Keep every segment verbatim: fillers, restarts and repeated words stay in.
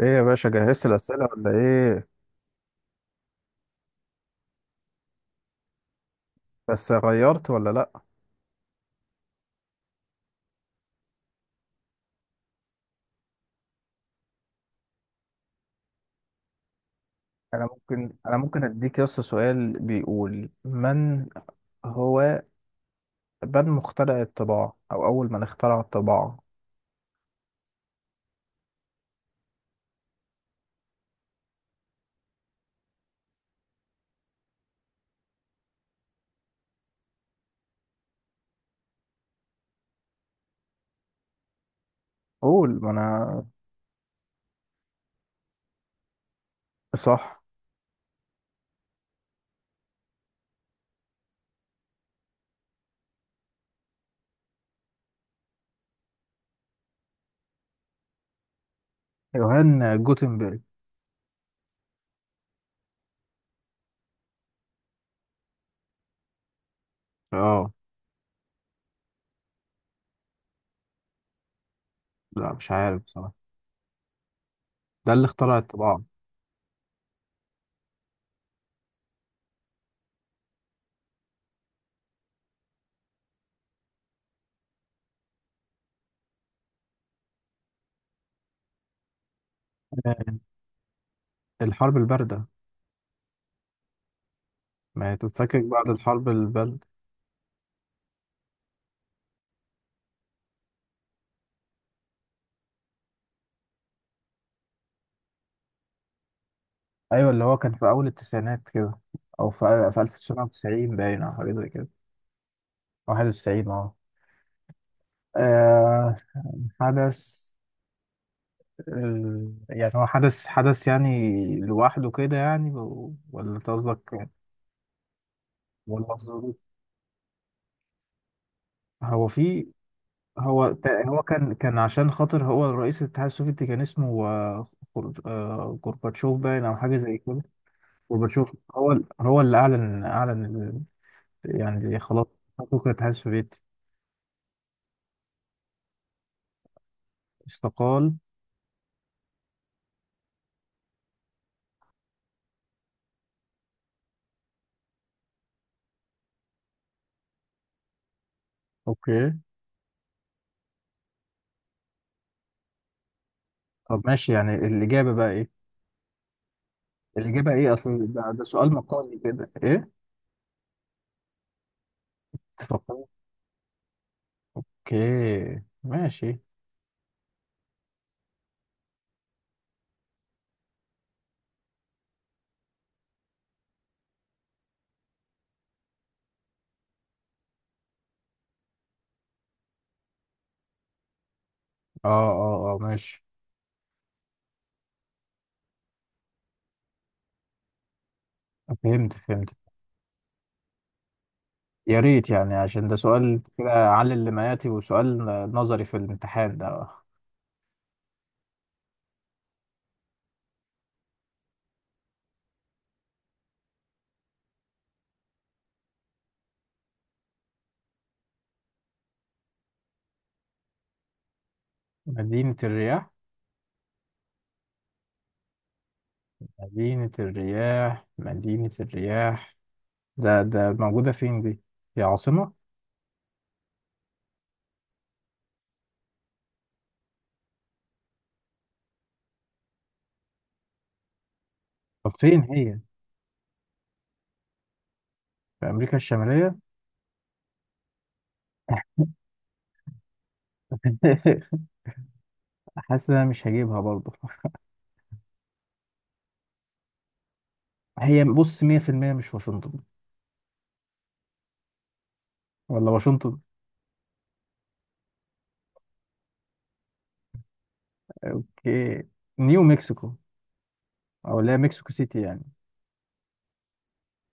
ايه يا باشا، جهزت الأسئلة ولا ايه؟ بس غيرت ولا لأ؟ انا ممكن انا ممكن اديك يس سؤال بيقول من هو، من مخترع الطباعة او اول من اخترع الطباعة؟ قول ما انا صح. يوهان جوتنبرج. اه. لا مش عارف بصراحة. ده اللي اخترع الطباعة. آه، الحرب الباردة. ما هي تتفكك بعد الحرب الباردة. ايوه، اللي هو كان في اول التسعينات كده، او في في ألف وتسعمية وتسعين باين او حاجة زي كده. واحد وتسعين اه. آه، حدث آه، يعني هو حدث حدث يعني لوحده كده يعني، و- ولا أنت قصدك؟ ولا قصدك- هو في هو تا- هو كان كان عشان خاطر هو الرئيس الاتحاد السوفيتي كان اسمه آه، غور- آه، غورباتشوف باين او حاجه زي كده. غورباتشوف هو ال- هو اللي اعلن اعلن ال- يعني خلاص، حقوق الاتحاد السوفيتي. استقال. اوكي. طب ماشي، يعني الاجابه بقى ايه؟ الاجابه ايه اصلا؟ ده, ده سؤال مقالي كده، ايه. اوكي ماشي. اه اه اه ماشي. فهمت فهمت يا ريت يعني، عشان ده سؤال كده علل اللي، وسؤال نظري في الامتحان ده. مدينة الرياح؟ مدينة الرياح مدينة الرياح ده ده موجودة فين دي؟ هي عاصمة؟ طب فين هي؟ في أمريكا الشمالية؟ حاسس إن أنا مش هجيبها برضه. هي بص مية بالمية مش واشنطن. ولا واشنطن؟ اوكي، نيو مكسيكو، أو اللي هي مكسيكو سيتي يعني.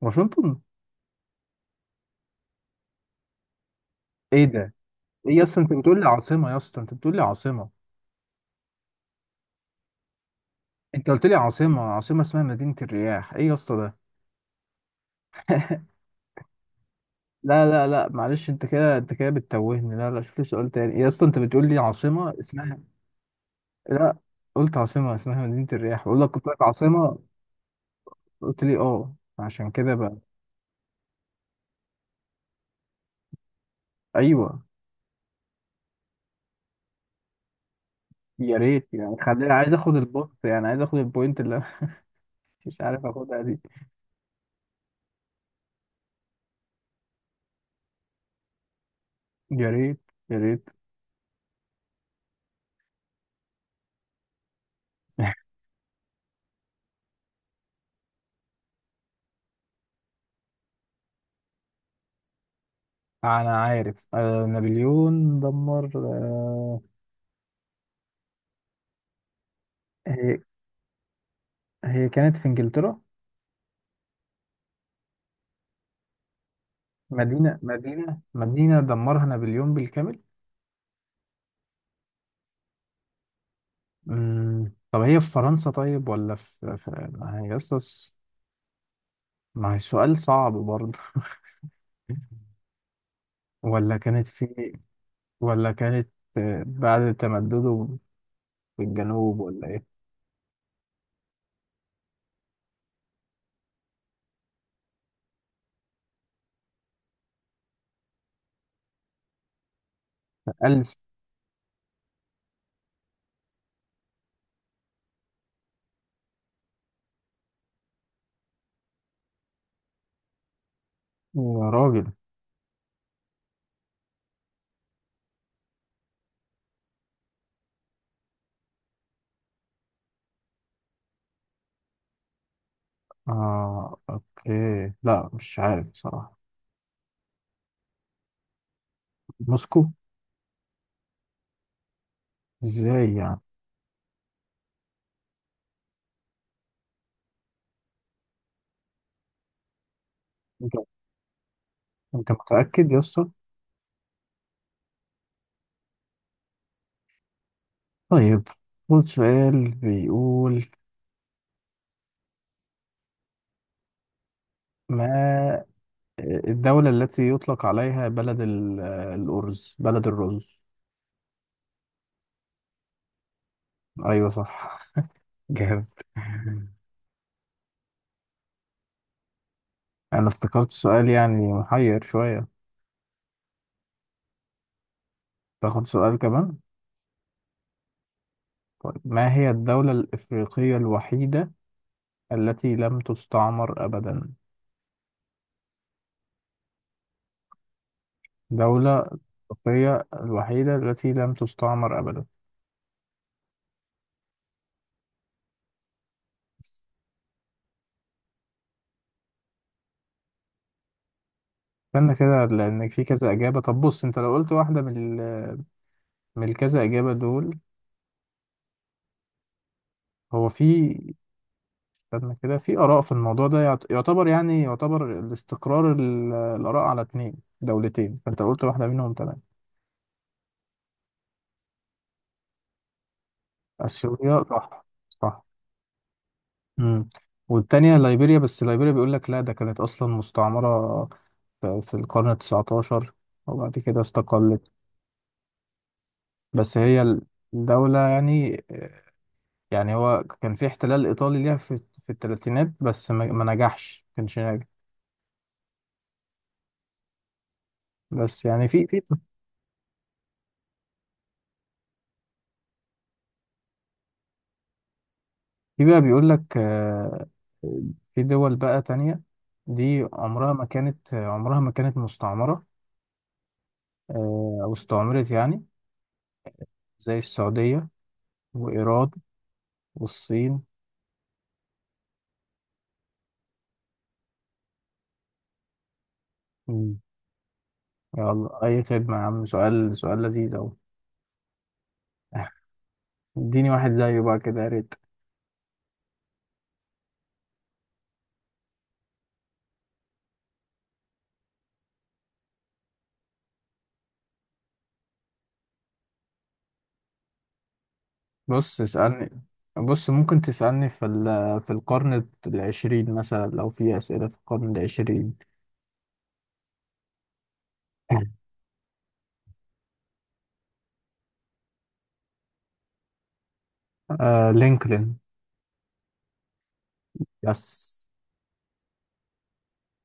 واشنطن؟ ايه ده! ايه يا اسطى، انت بتقول لي عاصمه؟ يا اسطى انت بتقول لي عاصمه! انت قلت لي عاصمه، عاصمه اسمها مدينه الرياح، ايه يا اسطى ده! لا لا لا معلش، انت كده انت كده بتتوهني. لا لا شوف لي سؤال تاني. إيه يا اسطى، انت بتقول لي عاصمه اسمها! لا، قلت عاصمه اسمها مدينه الرياح، بقول لك قلت لك عاصمه. قلت لي اه، عشان كده بقى. ايوه. يا ريت يعني، خليني عايز اخد البوست، يعني عايز اخد البوينت اللي انا. مش عارف اخدها دي. يا ريت، يا ريت. انا عارف، آه نابليون دمر، آه. هي هي كانت في انجلترا. مدينة مدينة مدينة دمرها نابليون بالكامل. مم. طب هي في فرنسا طيب، ولا في, في، ما هي أصلاً، ما هي سؤال صعب برضه. ولا كانت في، ولا كانت، آه، بعد تمدده في الجنوب ولا ايه؟ ألف. يا راجل. اه اوكي، لا مش عارف بصراحة. موسكو. ازاي يعني؟ انت انت متأكد يا اسطى؟ طيب، خد سؤال بيقول: ما الدولة التي يطلق عليها بلد ال- الأرز، بلد الرز؟ أيوة صح. جامد. أنا افتكرت سؤال يعني محير شوية. تاخد سؤال كمان. طيب، ما هي الدولة الإفريقية الوحيدة التي لم تستعمر أبدا؟ دولة إفريقية الوحيدة التي لم تستعمر أبدا. استنى كده لأن في كذا إجابة. طب بص، أنت لو قلت واحدة من ال- من الكذا إجابة دول. هو في. استنى كده، في آراء في الموضوع ده، يعت- يعتبر يعني، يعتبر الاستقرار ال- الآراء على اتنين دولتين، فأنت قلت واحدة منهم تمام. أثيوبيا صح، صح. امم. والتانية ليبيريا، بس ليبيريا بيقول لك لا، ده كانت أصلا مستعمرة في في القرن التسعتاشر وبعد كده استقلت. بس هي ال- الدولة يعني، يعني هو كان في احتلال إيطالي ليها في في الثلاثينات، بس ما ما نجحش، ما كانش ناجح. بس يعني في في، في بقى بيقول لك آه، في دول بقى تانية دي عمرها ما كانت، عمرها ما كانت مستعمرة. آه، أو استعمرت يعني، زي السعودية وإيران والصين. مم. يلا أي خدمة يا عم، سؤال سؤال لذيذ أهو. اديني واحد زيه بقى كده يا ريت. بص اسألني. بص ممكن تسألني في ال- في القرن العشرين مثلا، لو في أسئلة في القرن العشرين. آه لينكولن. يس.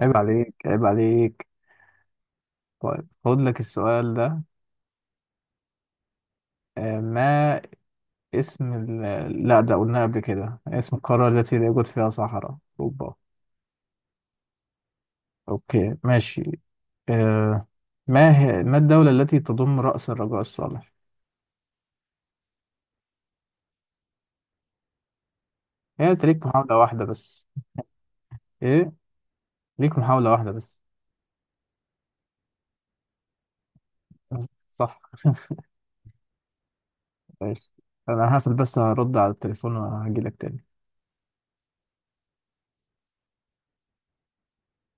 عيب عليك، عيب عليك. طيب خد لك السؤال ده: آه، ما اسم ال... لا ده قلناه قبل كده اسم القارة التي لا يوجد فيها صحراء؟ أوروبا. أوكي ماشي. آه، ما هي ما الدولة التي تضم رأس الرجاء الصالح؟ هي أنت ليك محاولة واحدة بس. إيه؟ ليك محاولة واحدة بس. صح. ماشي. أنا هقفل بس هرد على التليفون وهجيلك تاني.